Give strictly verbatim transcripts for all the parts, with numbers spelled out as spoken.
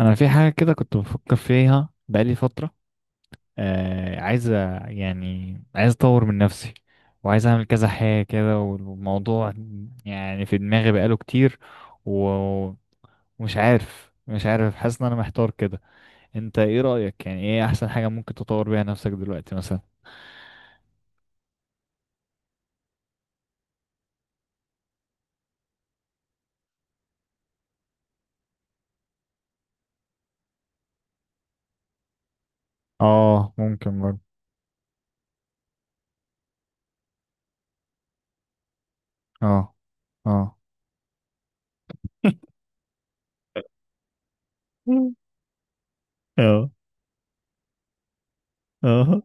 انا في حاجه كده كنت بفكر فيها بقالي فتره. آه، عايز أ- يعني عايز اطور من نفسي، وعايز اعمل كذا حاجه كده. والموضوع يعني في دماغي بقاله كتير، و- ومش عارف، مش عارف حاسس ان انا محتار كده. انت ايه رايك؟ يعني ايه احسن حاجه ممكن تطور بيها نفسك دلوقتي مثلا؟ اه ممكن برضه. اه. اه. اه. اه.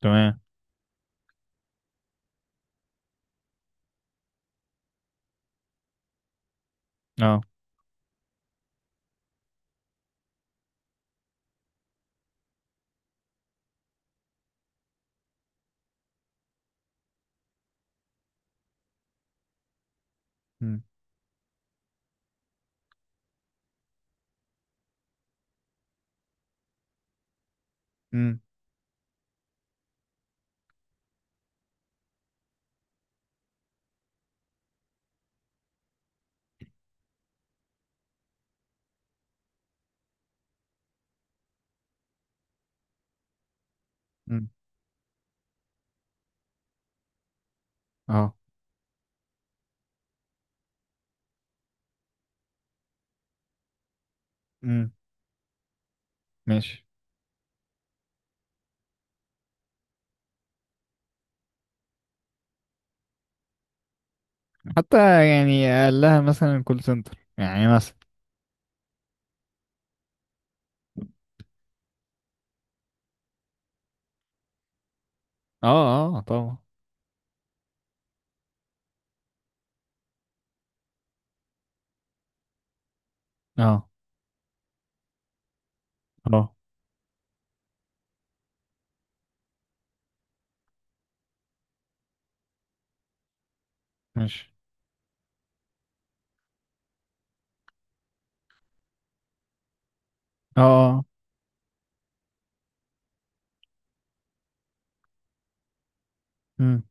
تمام. اه. امم. امم. امم. اه. امم. ماشي. حتى يعني قال لها مثلا كول سنتر يعني مثلا. اه، اه، طبعا. اه، اه. ماشي. اه، اه. امم.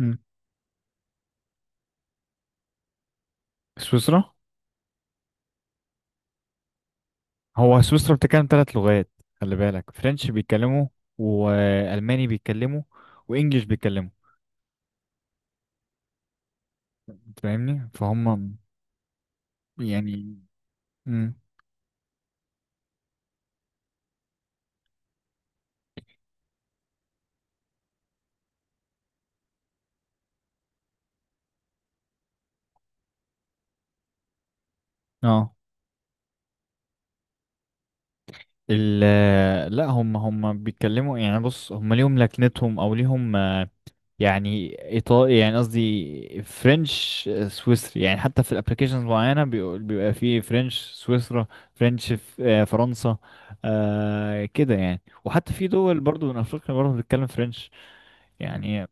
امم. سويسرا؟ هو سويسرا بتتكلم ثلاث لغات. خلي بالك، فرنش بيتكلموا، والماني بيتكلموا، وانجليش بيتكلموا. أنت فاهمني فهم. يعني. امم. اه. ال لا، هم هم بيتكلموا يعني، بص هم ليهم لكنتهم او ليهم يعني ايطالي، يعني قصدي فرنش سويسري. يعني حتى في الابلكيشنز معينه بيقول- بيبقى فيه فرنش سويسرا. فرنش، ف- آه، فرنسا. آه كده يعني، وحتى في دول برضو من افريقيا برضو بتتكلم فرنش. يعني.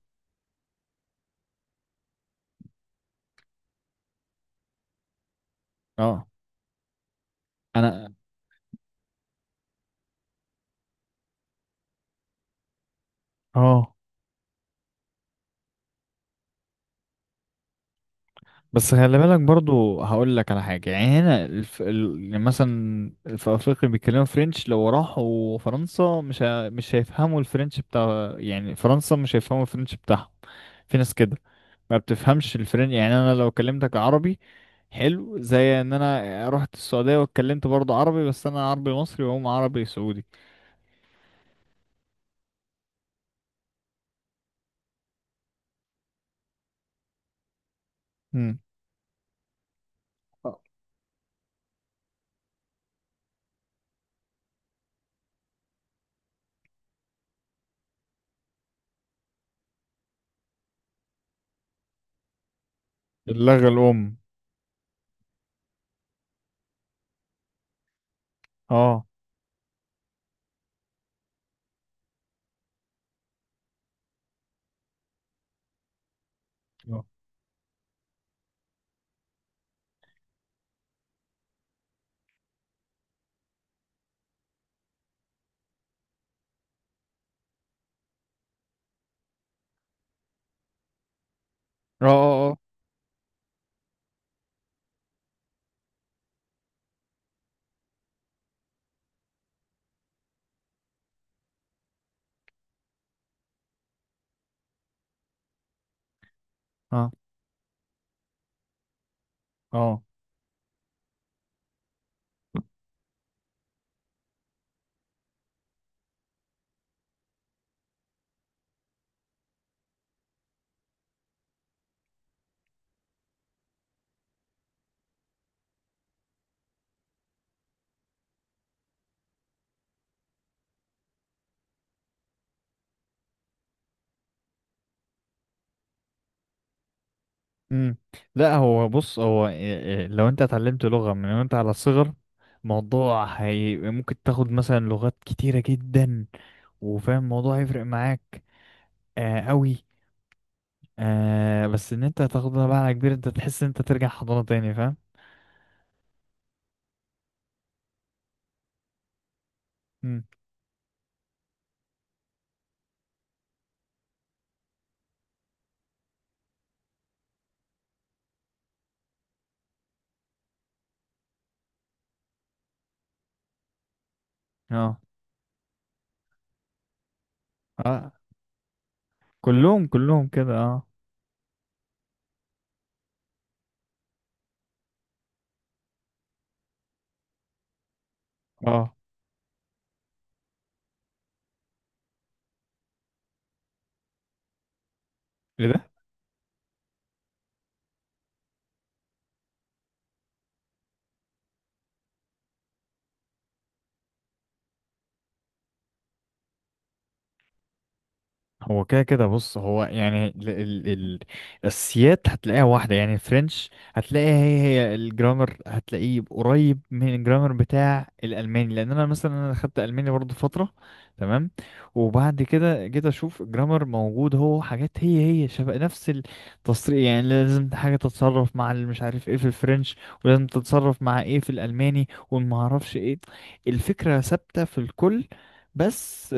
اه. انا. اه. بس خلي بالك برضو، هقول لك على حاجه. يعني هنا الف... ال... يعني مثلا في افريقيا بيتكلموا فرنش، لو راحوا فرنسا مش ه... مش هيفهموا الفرنش بتاع يعني فرنسا، مش هيفهموا الفرنش بتاعهم. في ناس كده ما بتفهمش الفرن، يعني انا لو كلمتك عربي، حلو، زي ان انا رحت السعودية واتكلمت برضه عربي، بس انا عربي مصري وهم عربي سعودي. امم. آه. اللغة الام. اه. اه. اه. اه. اه. اه. امم. لا، هو بص هو، إيه- إيه، لو انت اتعلمت لغة من وانت على الصغر، موضوع هي ممكن تاخد مثلا لغات كتيرة جدا، وفاهم الموضوع هيفرق معاك آه قوي. آه، بس ان انت هتاخدها بقى على كبير، انت تحس ان انت ترجع حضانة تاني. فاهم؟ مم. اه، اه. كلهم كلهم كده، اه. اه. ايه ده؟ هو كده كده. بص هو يعني ال ال ال السيات هتلاقيها واحدة. يعني الفرنش هتلاقيها هي هي الجرامر، هتلاقيه قريب من الجرامر بتاع الألماني. لأن أنا مثلا أنا خدت ألماني برضه فترة. تمام. وبعد كده جيت أشوف الجرامر موجود، هو حاجات هي هي شبه نفس التصريف. يعني لازم حاجة تتصرف مع اللي مش عارف ايه في الفرنش، ولازم تتصرف مع ايه في الألماني ومعرفش ايه. الفكرة ثابتة في الكل، بس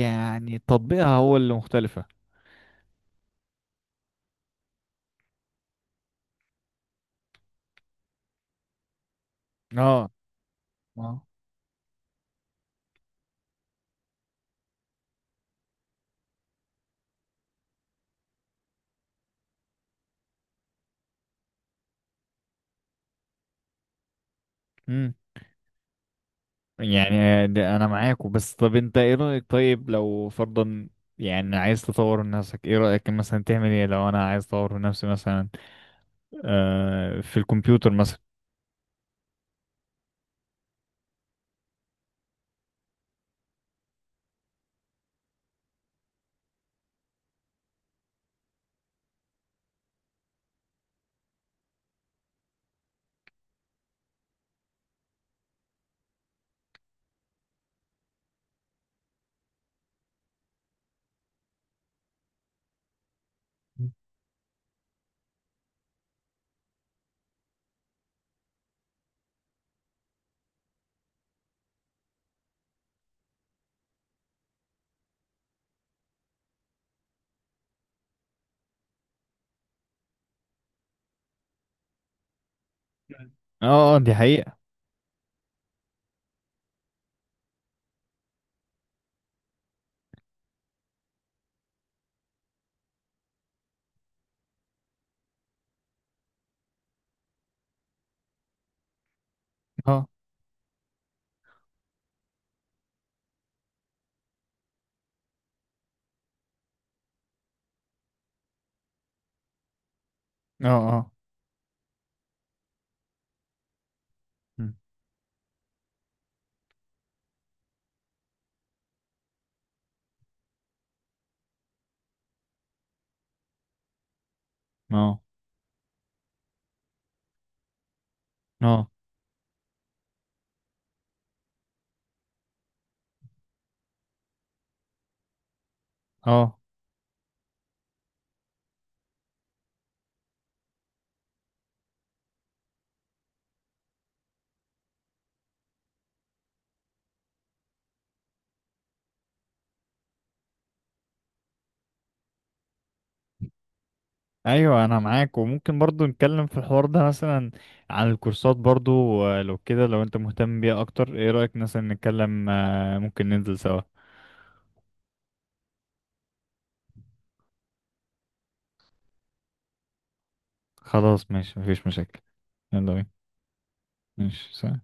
يعني تطبيقها هو اللي مختلفة. اه، اه. امم. يعني ده انا معاكوا. بس طب انت ايه رأيك؟ طيب لو فرضا يعني عايز تطور من نفسك، ايه رأيك مثلا تعمل ايه لو انا عايز اطور من نفسي مثلا، آه، في الكمبيوتر مثلا؟ اه، اه، دي حقيقة. اه، اه، اه. مم. اه، اه، اه. ايوه انا معاك. وممكن برضو نتكلم في الحوار ده مثلا عن الكورسات برضو. آه، لو كده لو انت مهتم بيها اكتر، ايه رأيك مثلا نتكلم، آه، ممكن ننزل سوا. خلاص ماشي، مفيش مشاكل. يلا بينا. ماشي، سلام.